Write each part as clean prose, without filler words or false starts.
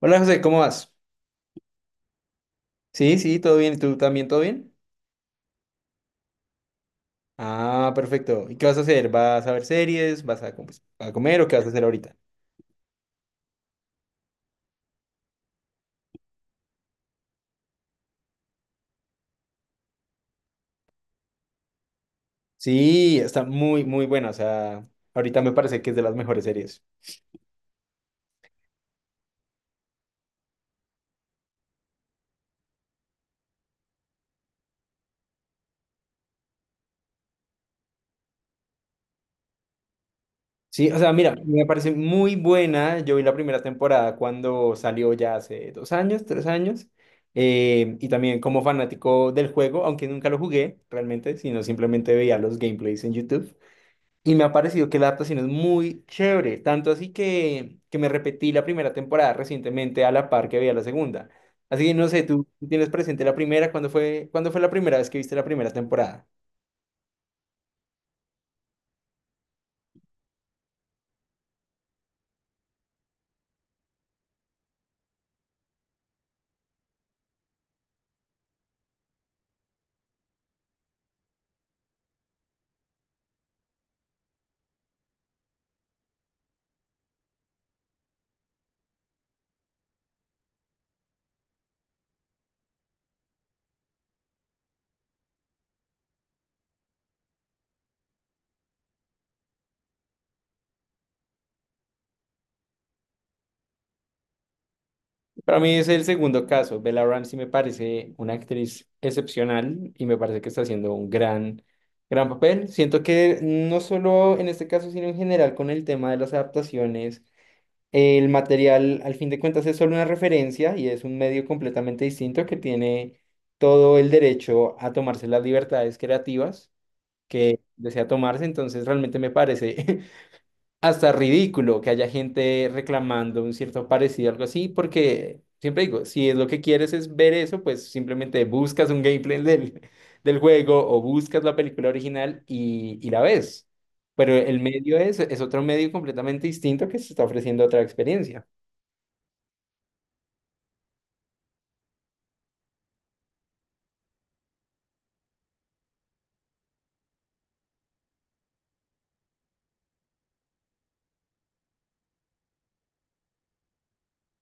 Hola José, ¿cómo vas? Sí, sí, todo bien. ¿Y tú también, todo bien? Ah, perfecto. ¿Y qué vas a hacer? ¿Vas a ver series? ¿Pues a comer o qué vas a hacer ahorita? Sí, está muy, muy buena. O sea, ahorita me parece que es de las mejores series. Sí, o sea, mira, me parece muy buena. Yo vi la primera temporada cuando salió ya hace dos años, tres años. Y también como fanático del juego, aunque nunca lo jugué realmente, sino simplemente veía los gameplays en YouTube. Y me ha parecido que la adaptación es muy chévere, tanto así que me repetí la primera temporada recientemente a la par que veía la segunda. Así que no sé, ¿tú tienes presente la primera? ¿Cuándo fue la primera vez que viste la primera temporada? Para mí es el segundo caso. Bella Ramsey me parece una actriz excepcional y me parece que está haciendo un gran papel. Siento que no solo en este caso, sino en general con el tema de las adaptaciones. El material, al fin de cuentas, es solo una referencia y es un medio completamente distinto que tiene todo el derecho a tomarse las libertades creativas que desea tomarse. Entonces, realmente me parece hasta ridículo que haya gente reclamando un cierto parecido, algo así, porque siempre digo, si es lo que quieres es ver eso, pues simplemente buscas un gameplay del juego o buscas la película original y la ves. Pero el medio es otro medio completamente distinto que se está ofreciendo otra experiencia.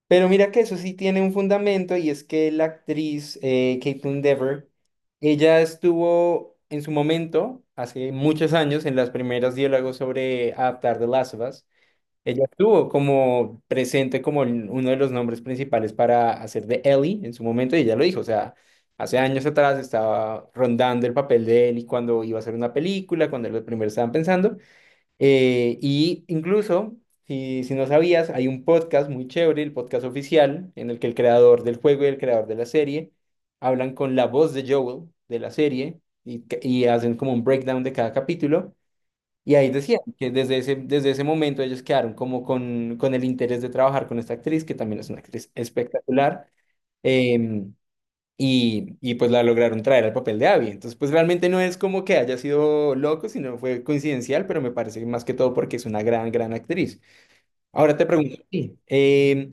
Pero mira que eso sí tiene un fundamento y es que la actriz Caitlin Dever, ella estuvo en su momento, hace muchos años, en las primeras diálogos sobre adaptar The Last of Us, ella estuvo como presente como uno de los nombres principales para hacer de Ellie en su momento y ella lo dijo, o sea, hace años atrás estaba rondando el papel de Ellie cuando iba a hacer una película, cuando los primeros estaban pensando. Y incluso, si no sabías, hay un podcast muy chévere, el podcast oficial, en el que el creador del juego y el creador de la serie hablan con la voz de Joel de la serie y hacen como un breakdown de cada capítulo. Y ahí decían que desde ese momento ellos quedaron como con el interés de trabajar con esta actriz, que también es una actriz espectacular. Em, y pues la lograron traer al papel de Abby. Entonces, pues realmente no es como que haya sido loco, sino fue coincidencial, pero me parece que más que todo porque es una gran actriz. Ahora te pregunto, a ti,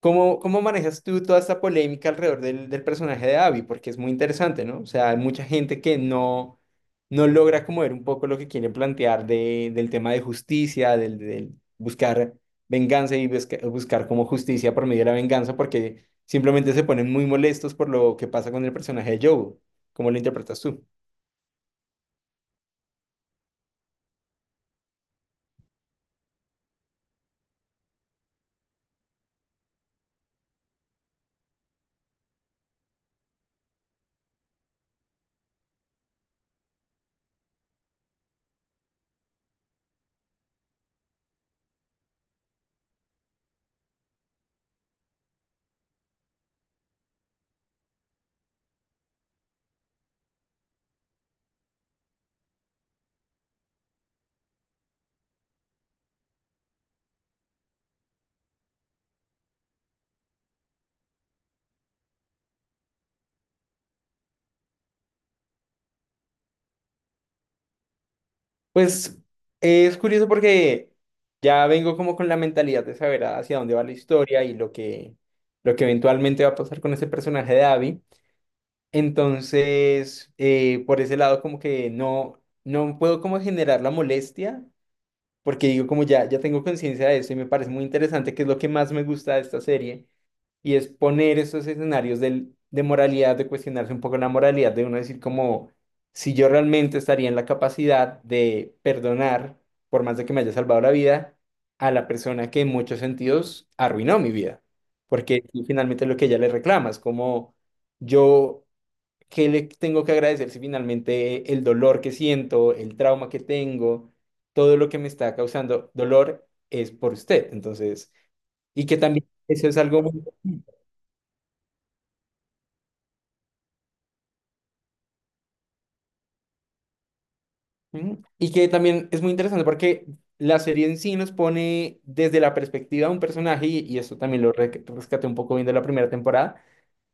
¿cómo manejas tú toda esta polémica alrededor del personaje de Abby? Porque es muy interesante, ¿no? O sea, hay mucha gente que no logra como ver un poco lo que quiere plantear de, del tema de justicia, del buscar venganza y buscar como justicia por medio de la venganza, porque simplemente se ponen muy molestos por lo que pasa con el personaje de Joe. ¿Cómo lo interpretas tú? Pues es curioso porque ya vengo como con la mentalidad de saber hacia dónde va la historia y lo que eventualmente va a pasar con ese personaje de Abby. Entonces, por ese lado como que no puedo como generar la molestia porque digo como ya tengo conciencia de eso y me parece muy interesante que es lo que más me gusta de esta serie y es poner esos escenarios de moralidad, de cuestionarse un poco la moralidad, de uno decir como, si yo realmente estaría en la capacidad de perdonar, por más de que me haya salvado la vida, a la persona que en muchos sentidos arruinó mi vida, porque tú finalmente es lo que ella le reclama es como yo, ¿qué le tengo que agradecer si finalmente el dolor que siento, el trauma que tengo, todo lo que me está causando dolor es por usted? Entonces, y que también eso es algo... muy Ujú. Y que también es muy interesante porque la serie en sí nos pone desde la perspectiva de un personaje, y esto también lo rescaté un poco bien de la primera temporada,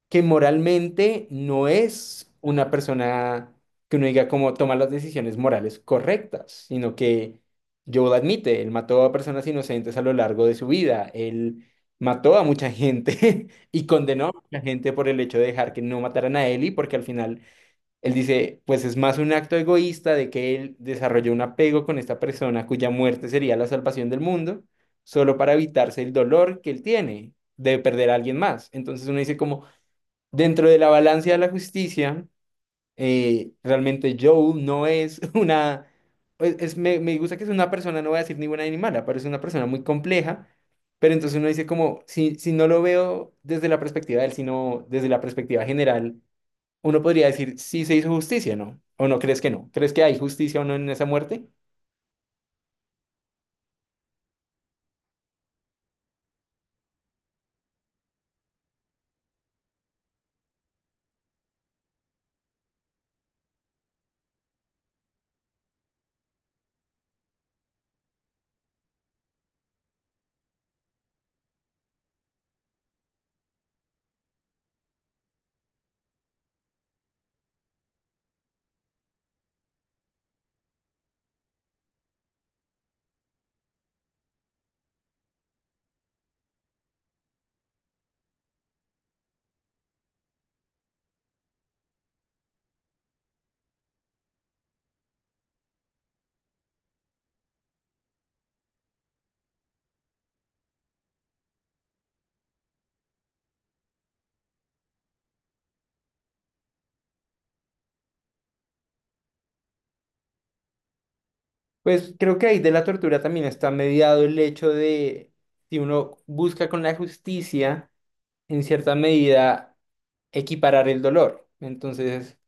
que moralmente no es una persona que uno diga como toma las decisiones morales correctas, sino que Joel admite, él mató a personas inocentes a lo largo de su vida, él mató a mucha gente y condenó a mucha gente por el hecho de dejar que no mataran a Ellie, porque al final él dice, pues es más un acto egoísta de que él desarrolló un apego con esta persona cuya muerte sería la salvación del mundo, solo para evitarse el dolor que él tiene de perder a alguien más. Entonces uno dice como, dentro de la balanza de la justicia, realmente Joel no es una... me gusta que es una persona, no voy a decir ni buena ni mala, pero es una persona muy compleja. Pero entonces uno dice como, si no lo veo desde la perspectiva de él, sino desde la perspectiva general uno podría decir si se hizo justicia, ¿no? ¿O no crees que no? ¿Crees que hay justicia o no en esa muerte? Pues creo que ahí de la tortura también está mediado el hecho de si uno busca con la justicia, en cierta medida, equiparar el dolor. Entonces,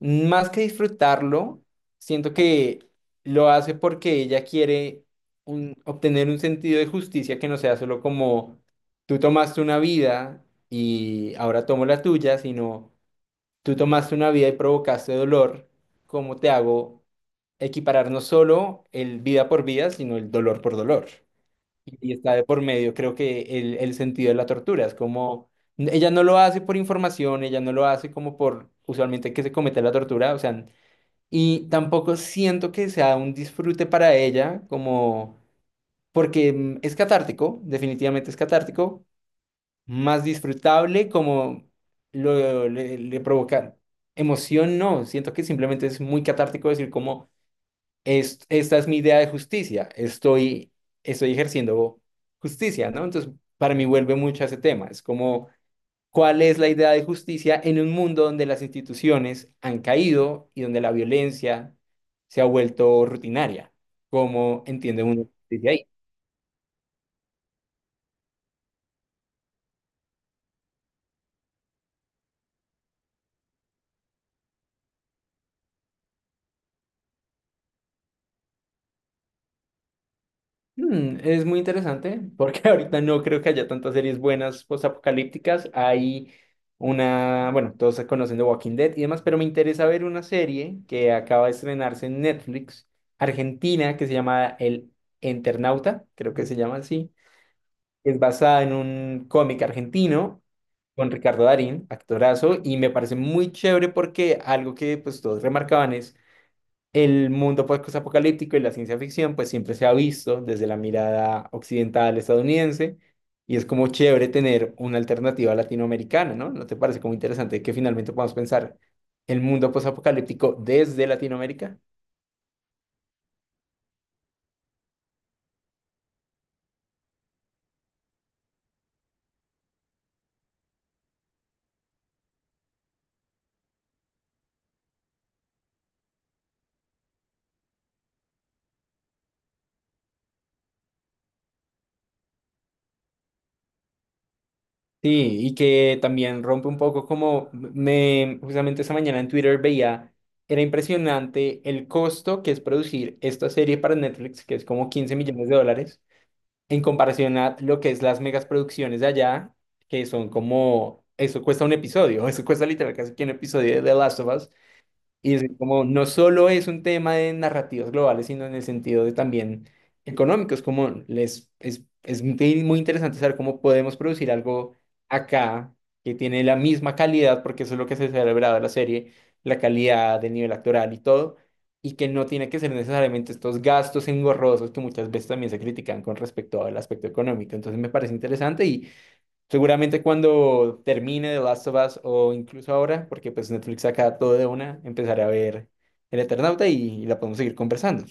más que disfrutarlo, siento que lo hace porque ella quiere obtener un sentido de justicia que no sea solo como tú tomaste una vida y ahora tomo la tuya, sino tú tomaste una vida y provocaste dolor. ¿Cómo te hago equiparar no solo el vida por vida, sino el dolor por dolor? Y está de por medio, creo que el sentido de la tortura. Es como, ella no lo hace por información, ella no lo hace como por usualmente que se comete la tortura, o sea, y tampoco siento que sea un disfrute para ella, como, porque es catártico, definitivamente es catártico, más disfrutable, como le provoca emoción, no, siento que simplemente es muy catártico decir como esta es mi idea de justicia, estoy ejerciendo justicia, ¿no? Entonces, para mí vuelve mucho a ese tema, es como cuál es la idea de justicia en un mundo donde las instituciones han caído y donde la violencia se ha vuelto rutinaria, ¿cómo entiende uno justicia ahí? Es muy interesante porque ahorita no creo que haya tantas series buenas postapocalípticas. Hay una, bueno, todos se conocen de Walking Dead y demás, pero me interesa ver una serie que acaba de estrenarse en Netflix, Argentina, que se llama El Eternauta, creo que se llama así. Es basada en un cómic argentino con Ricardo Darín, actorazo, y me parece muy chévere porque algo que pues todos remarcaban es el mundo post-apocalíptico y la ciencia ficción, pues siempre se ha visto desde la mirada occidental estadounidense y es como chévere tener una alternativa latinoamericana, ¿no? ¿No te parece como interesante que finalmente podamos pensar el mundo post-apocalíptico desde Latinoamérica? Sí, y que también rompe un poco justamente esta mañana en Twitter veía, era impresionante el costo que es producir esta serie para Netflix, que es como 15 millones de dólares en comparación a lo que es las megas producciones de allá, que son como, eso cuesta un episodio, eso cuesta literal casi que un episodio de The Last of Us. Y es como no solo es un tema de narrativas globales, sino en el sentido de también económicos, es muy muy interesante saber cómo podemos producir algo acá que tiene la misma calidad, porque eso es lo que se celebraba en la serie, la calidad del nivel actoral y todo, y que no tiene que ser necesariamente estos gastos engorrosos que muchas veces también se critican con respecto al aspecto económico. Entonces me parece interesante y seguramente cuando termine The Last of Us o incluso ahora, porque pues Netflix saca todo de una, empezaré a ver El Eternauta y la podemos seguir conversando.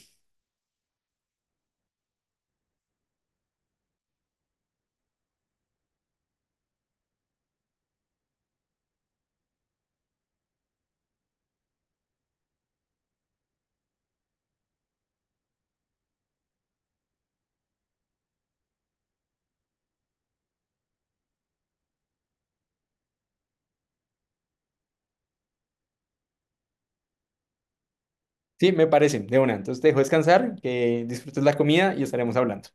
Sí, me parece, de una. Entonces te dejo descansar, que disfrutes la comida y estaremos hablando.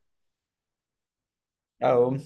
Chao.